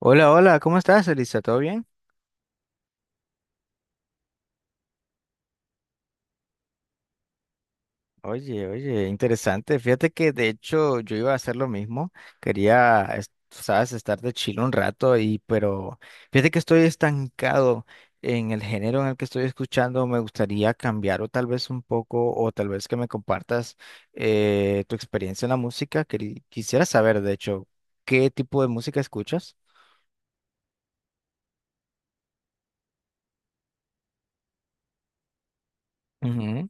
Hola, hola, ¿cómo estás, Elisa? ¿Todo bien? Oye, oye, interesante. Fíjate que de hecho yo iba a hacer lo mismo. Quería, sabes, estar de chile un rato y, pero fíjate que estoy estancado en el género en el que estoy escuchando. Me gustaría cambiar o tal vez un poco, o tal vez que me compartas tu experiencia en la música. Quisiera saber, de hecho, qué tipo de música escuchas. Ujú.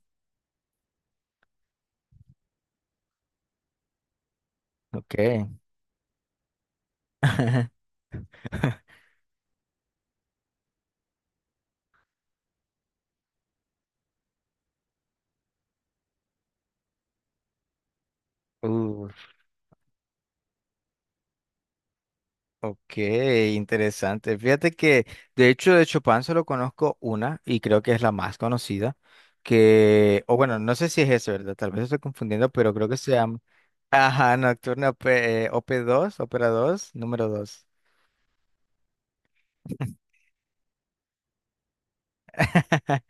Ok. Uh, Ok, interesante. Fíjate que, de hecho, de Chopin solo conozco una y creo que es la más conocida, que, o bueno, no sé si es esa, ¿verdad? Tal vez estoy confundiendo, pero creo que se llama, ajá, Nocturna Op., 2 Ópera dos, número 2.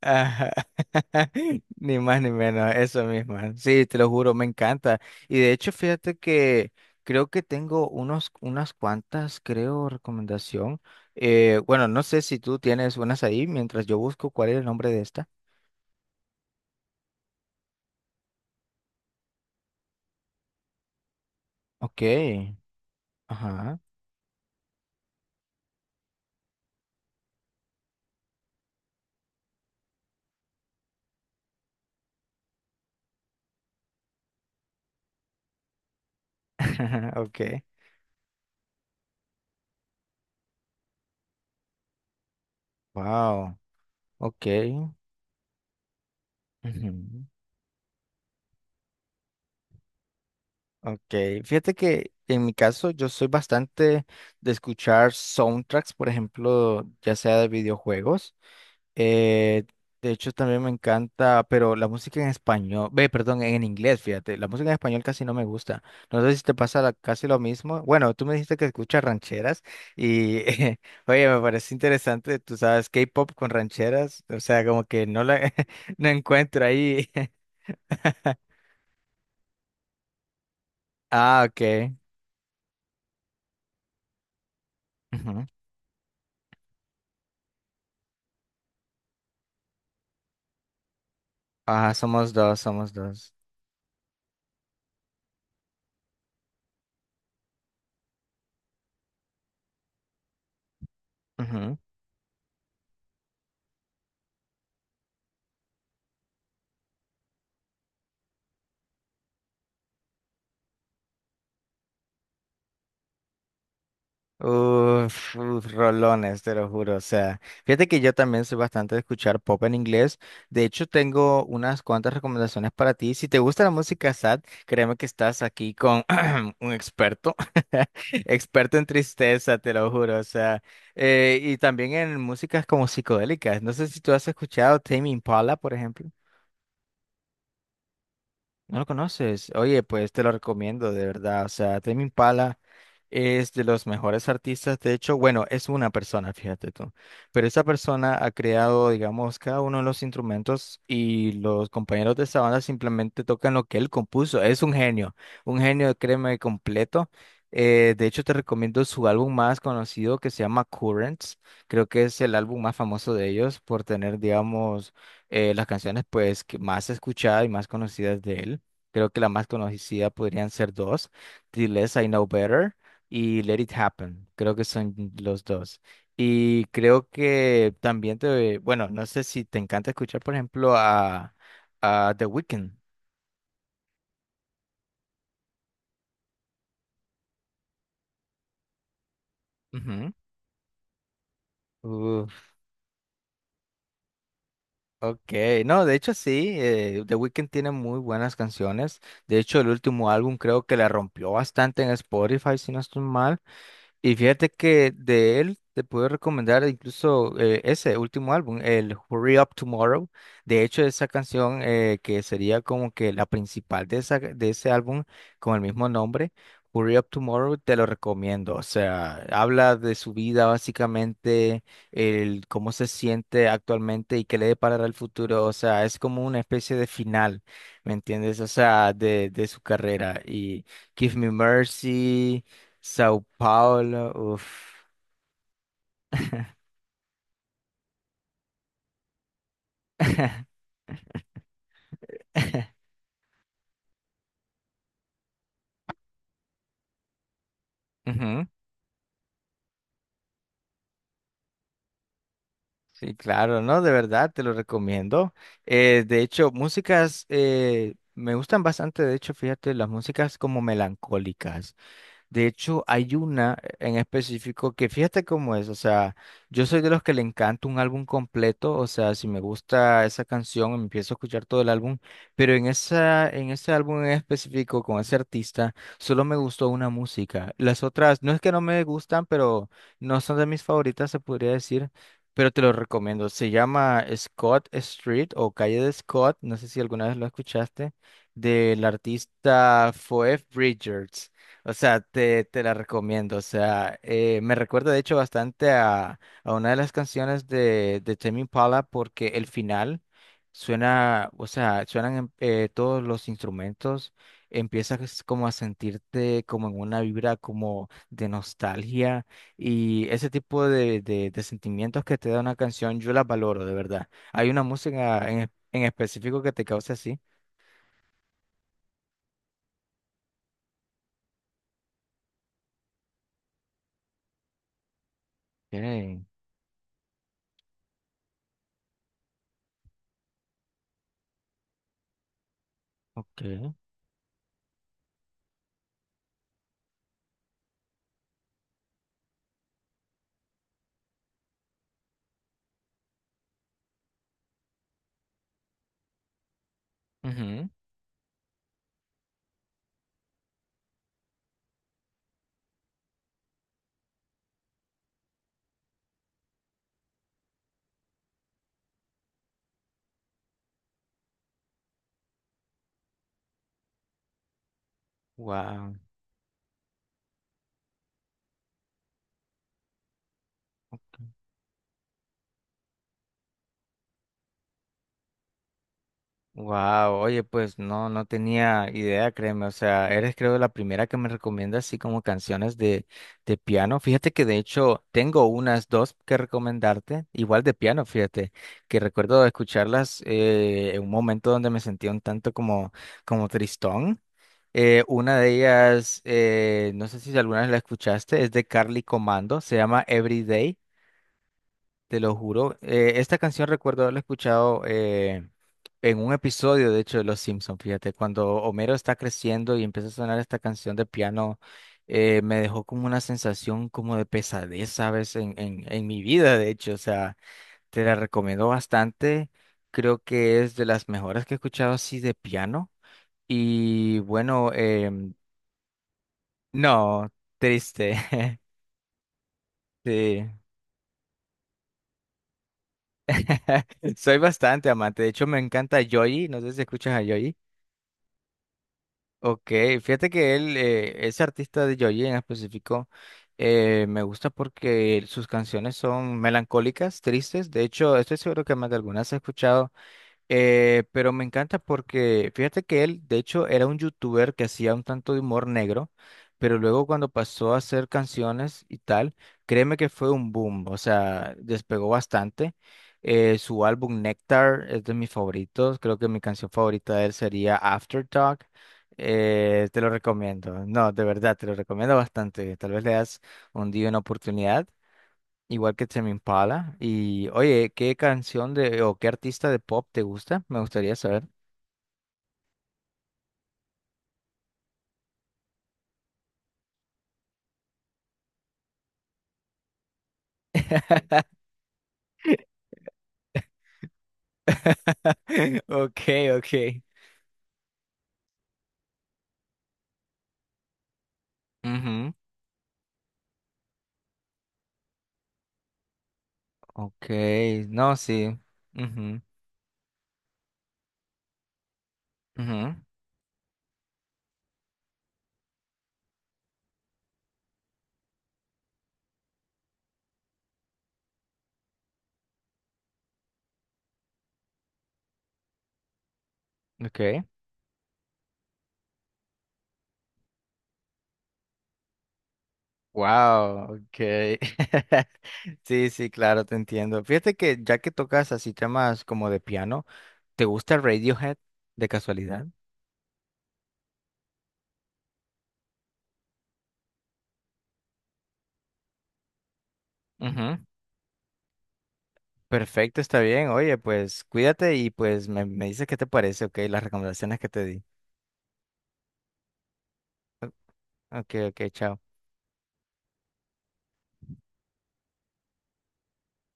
Ajá. Ni más ni menos, eso mismo. Sí, te lo juro, me encanta. Y de hecho, fíjate que creo que tengo unas cuantas, creo, recomendación. Bueno, no sé si tú tienes unas ahí mientras yo busco cuál es el nombre de esta. Ok. Ajá. Ok. Wow. Ok. Ujú. Ok. Fíjate que en mi caso yo soy bastante de escuchar soundtracks, por ejemplo, ya sea de videojuegos. Eh, de hecho, también me encanta, pero la música en español, ve, perdón, en inglés, fíjate, la música en español casi no me gusta. No sé si te pasa casi lo mismo. Bueno, tú me dijiste que escuchas rancheras y, oye, me parece interesante, tú sabes, K-pop con rancheras, o sea, como que no la, no encuentro ahí. Ah, ok. Ujú. Ajá, somos dos, somos dos. Uf, uf, rolones, te lo juro. O sea, fíjate que yo también soy bastante de escuchar pop en inglés. De hecho, tengo unas cuantas recomendaciones para ti. Si te gusta la música sad, créeme que estás aquí con un experto, experto en tristeza, te lo juro. O sea, y también en músicas como psicodélicas. No sé si tú has escuchado Tame Impala, por ejemplo. ¿No lo conoces? Oye, pues te lo recomiendo, de verdad. O sea, Tame Impala es de los mejores artistas. De hecho, bueno, es una persona, fíjate tú. Pero esa persona ha creado, digamos, cada uno de los instrumentos y los compañeros de esa banda simplemente tocan lo que él compuso. Es un genio, créeme, completo. De hecho, te recomiendo su álbum más conocido que se llama Currents. Creo que es el álbum más famoso de ellos por tener, digamos, las canciones pues que más escuchadas y más conocidas de él. Creo que la más conocida podrían ser dos, The Less I Know Better y Let It Happen. Creo que son los dos. Y creo que también te, bueno, no sé si te encanta escuchar, por ejemplo, a The Weeknd. Ujú. Uf, ok, no, de hecho sí, The Weeknd tiene muy buenas canciones. De hecho, el último álbum creo que la rompió bastante en Spotify, si no estoy mal. Y fíjate que de él te puedo recomendar incluso ese último álbum, el Hurry Up Tomorrow. De hecho, esa canción que sería como que la principal de, esa, de ese álbum con el mismo nombre, Hurry Up Tomorrow, te lo recomiendo. O sea, habla de su vida básicamente, el cómo se siente actualmente y qué le deparará el futuro. O sea, es como una especie de final, ¿me entiendes? O sea, de su carrera. Y Give Me Mercy. Sao Paulo, uff. Ujú. Sí, claro, ¿no? De verdad, te lo recomiendo. De hecho, músicas me gustan bastante, de hecho, fíjate, las músicas como melancólicas. De hecho, hay una en específico que fíjate cómo es, o sea, yo soy de los que le encanta un álbum completo, o sea, si me gusta esa canción, empiezo a escuchar todo el álbum, pero en esa, en ese álbum en específico con ese artista, solo me gustó una música. Las otras, no es que no me gustan, pero no son de mis favoritas, se podría decir, pero te lo recomiendo. Se llama Scott Street o Calle de Scott, no sé si alguna vez lo escuchaste, del artista Phoebe Bridgers. O sea, te la recomiendo. O sea, me recuerda de hecho bastante a una de las canciones de Tame Impala porque el final suena, o sea, suenan todos los instrumentos. Empiezas como a sentirte como en una vibra como de nostalgia y ese tipo de sentimientos que te da una canción, yo la valoro de verdad. ¿Hay una música en específico que te cause así? Okay, okay. Wow. Wow, oye, pues no, no tenía idea, créeme. O sea, eres creo la primera que me recomienda así como canciones de piano. Fíjate que de hecho tengo unas dos que recomendarte, igual de piano, fíjate, que recuerdo escucharlas en un momento donde me sentía un tanto como, como tristón. Una de ellas, no sé si alguna vez la escuchaste, es de Carly Comando, se llama Everyday. Te lo juro. Esta canción recuerdo haberla escuchado en un episodio, de hecho, de Los Simpsons. Fíjate, cuando Homero está creciendo y empieza a sonar esta canción de piano, me dejó como una sensación como de pesadez, ¿sabes? En mi vida, de hecho. O sea, te la recomiendo bastante. Creo que es de las mejores que he escuchado así de piano. Y bueno, no, triste. Sí. Soy bastante amante. De hecho, me encanta Joy. No sé si escuchas a Joy. Ok, fíjate que él, ese artista de Joji en específico, me gusta porque sus canciones son melancólicas, tristes. De hecho, estoy seguro que más de algunas has escuchado. Pero me encanta porque fíjate que él, de hecho, era un youtuber que hacía un tanto de humor negro, pero luego cuando pasó a hacer canciones y tal, créeme que fue un boom, o sea, despegó bastante. Su álbum Nectar es de mis favoritos, creo que mi canción favorita de él sería Aftertalk. Te lo recomiendo, no, de verdad, te lo recomiendo bastante. Tal vez le das un día una oportunidad. Igual que Tame Impala. Y oye, ¿qué canción de o qué artista de pop te gusta? Me gustaría saber. Ok, ok. Ujú. Ok, no, sí. Ujú, ujú. Ok. Wow, ok. Sí, sí, claro, te entiendo. Fíjate que ya que tocas así temas como de piano, ¿te gusta Radiohead de casualidad? Perfecto, está bien. Oye, pues cuídate y pues me dices qué te parece, ok, las recomendaciones que te di. Ok, ok, chao.